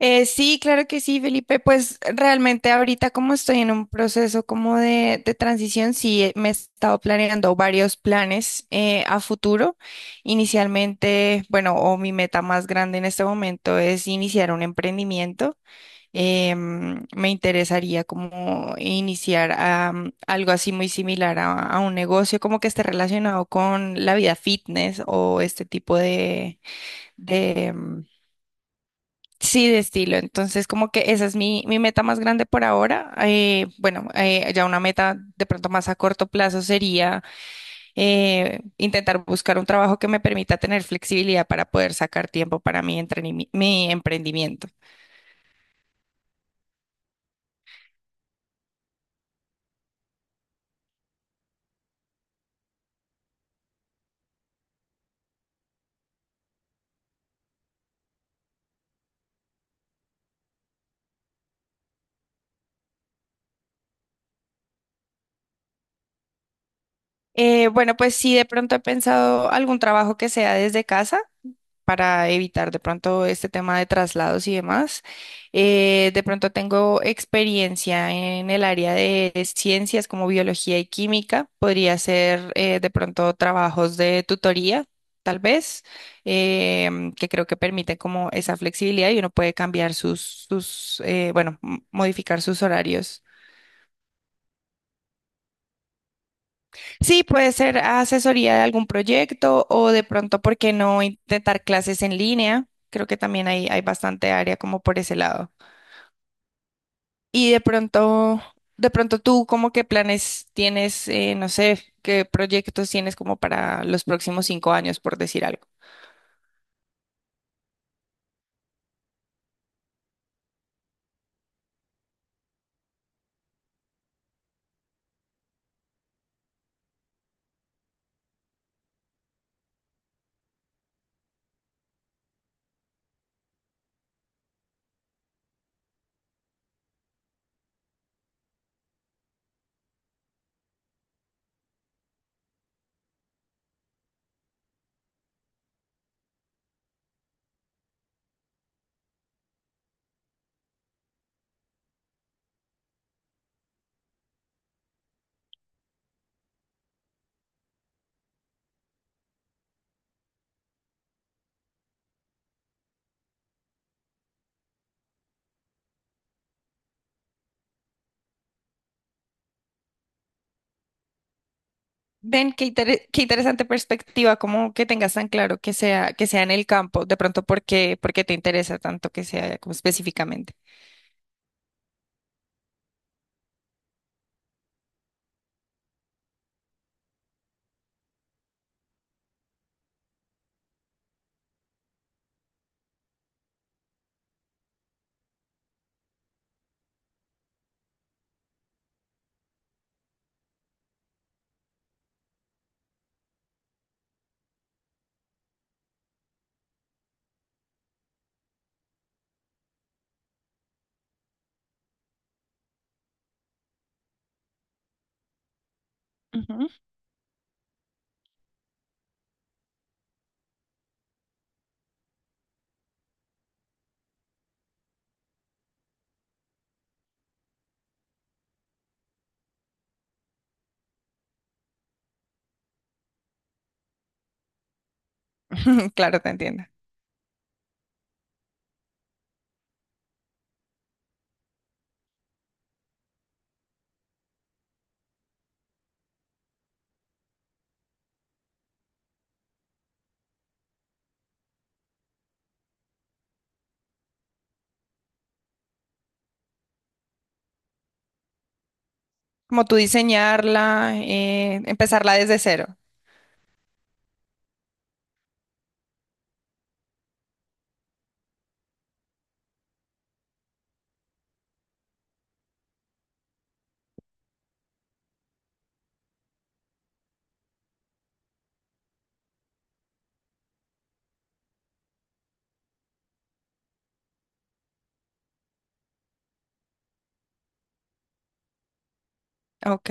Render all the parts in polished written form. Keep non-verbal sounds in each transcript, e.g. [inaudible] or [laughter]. Sí, claro que sí, Felipe. Pues realmente ahorita como estoy en un proceso como de transición, sí me he estado planeando varios planes a futuro. Inicialmente, bueno, o mi meta más grande en este momento es iniciar un emprendimiento. Me interesaría como iniciar algo así muy similar a un negocio, como que esté relacionado con la vida fitness o este tipo de, sí, de estilo. Entonces, como que esa es mi meta más grande por ahora. Bueno, ya una meta de pronto más a corto plazo sería intentar buscar un trabajo que me permita tener flexibilidad para poder sacar tiempo para mi mi emprendimiento. Bueno, pues sí, de pronto he pensado algún trabajo que sea desde casa, para evitar de pronto este tema de traslados y demás. De pronto tengo experiencia en el área de ciencias como biología y química. Podría ser de pronto trabajos de tutoría, tal vez, que creo que permite como esa flexibilidad y uno puede cambiar sus modificar sus horarios. Sí, puede ser asesoría de algún proyecto o de pronto, ¿por qué no intentar clases en línea? Creo que también hay bastante área como por ese lado. Y de pronto, tú, ¿cómo qué planes tienes, no sé, qué proyectos tienes como para los próximos 5 años, por decir algo? Ven, qué interesante perspectiva, como que tengas tan claro que sea en el campo, de pronto, ¿por qué te interesa tanto que sea como específicamente? Ujú. [laughs] Claro, te entiendo. Como tú diseñarla, empezarla desde cero. Ok.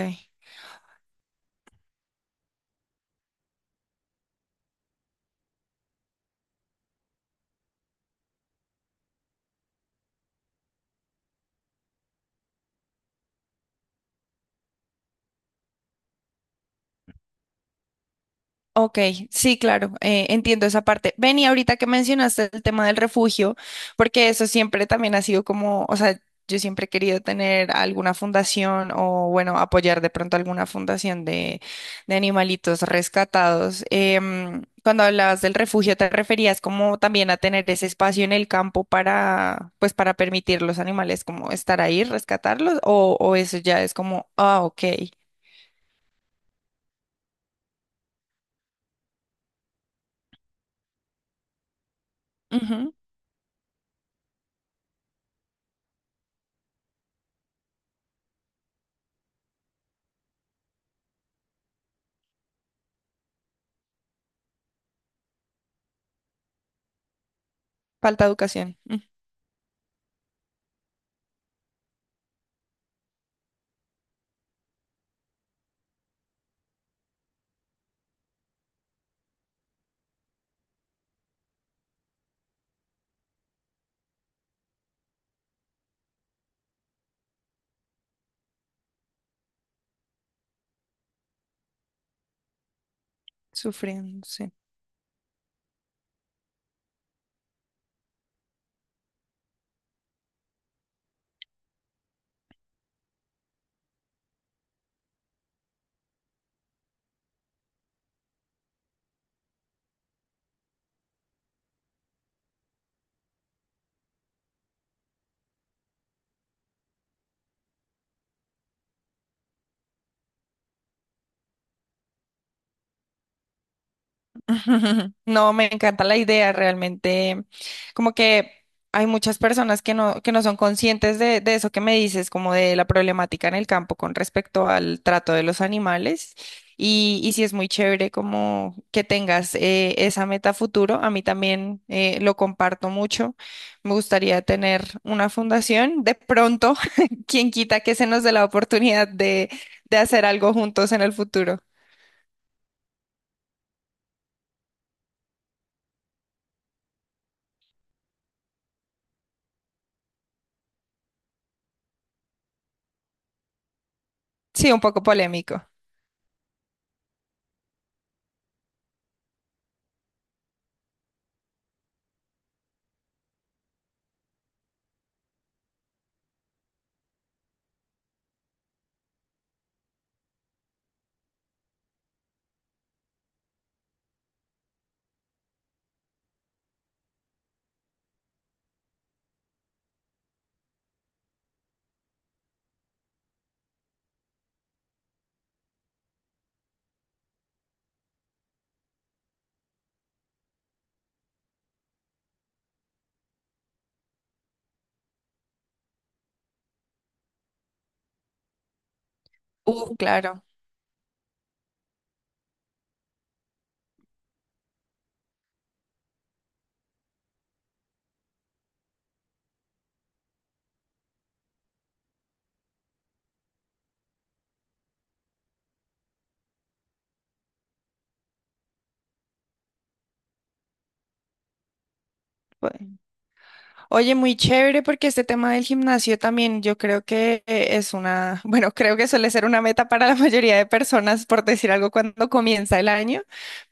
Ok, sí, claro, entiendo esa parte. Ven, y ahorita que mencionaste el tema del refugio, porque eso siempre también ha sido como, o sea, yo siempre he querido tener alguna fundación o, bueno, apoyar de pronto alguna fundación de animalitos rescatados. Cuando hablabas del refugio, ¿te referías como también a tener ese espacio en el campo para, pues, para permitir los animales como estar ahí, rescatarlos? O eso ya es como, ah, ok, ujú, falta de educación, mm, sufriendo. Sí. [laughs] No, me encanta la idea, realmente. Como que hay muchas personas que que no son conscientes de eso que me dices, como de la problemática en el campo con respecto al trato de los animales. Y sí es muy chévere como que tengas esa meta futuro. A mí también lo comparto mucho. Me gustaría tener una fundación. De pronto, [laughs] quien quita que se nos dé la oportunidad de hacer algo juntos en el futuro. Sí, un poco polémico. Claro. Bueno. Oye, muy chévere porque este tema del gimnasio también yo creo que es una, [laughs] bueno, creo que suele ser una meta para la mayoría de personas, por decir algo, cuando comienza el año,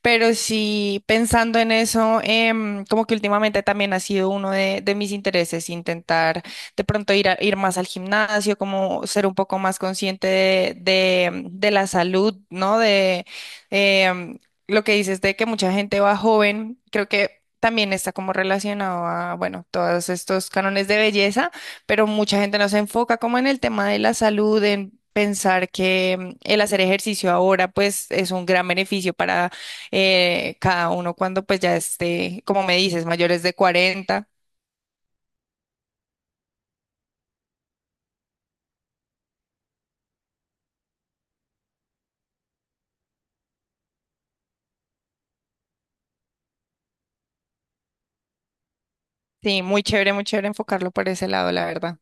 pero sí pensando en eso, como que últimamente también ha sido uno de mis intereses intentar de pronto ir más al gimnasio, como ser un poco más consciente de la salud, ¿no? De, em, lo que dices de que mucha gente va joven, creo que también está como relacionado a, bueno, todos estos cánones de belleza, pero mucha gente no se enfoca como en el tema de la salud, en pensar que mm, el hacer ejercicio ahora pues es un gran beneficio para cada uno cuando pues ya esté, como me dices, mayores de 40. Sí, muy chévere enfocarlo por ese lado, la verdad.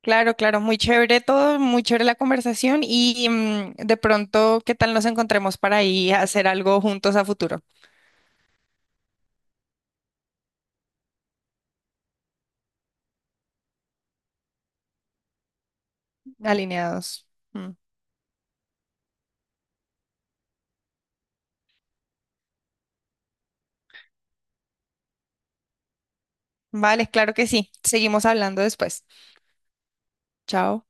Claro, claro, muy chévere todo, muy chévere la conversación y mm, de pronto, ¿qué tal nos encontremos para ir a hacer algo juntos a futuro, alineados? Mm. Vale, claro que sí. Seguimos hablando después. Chao.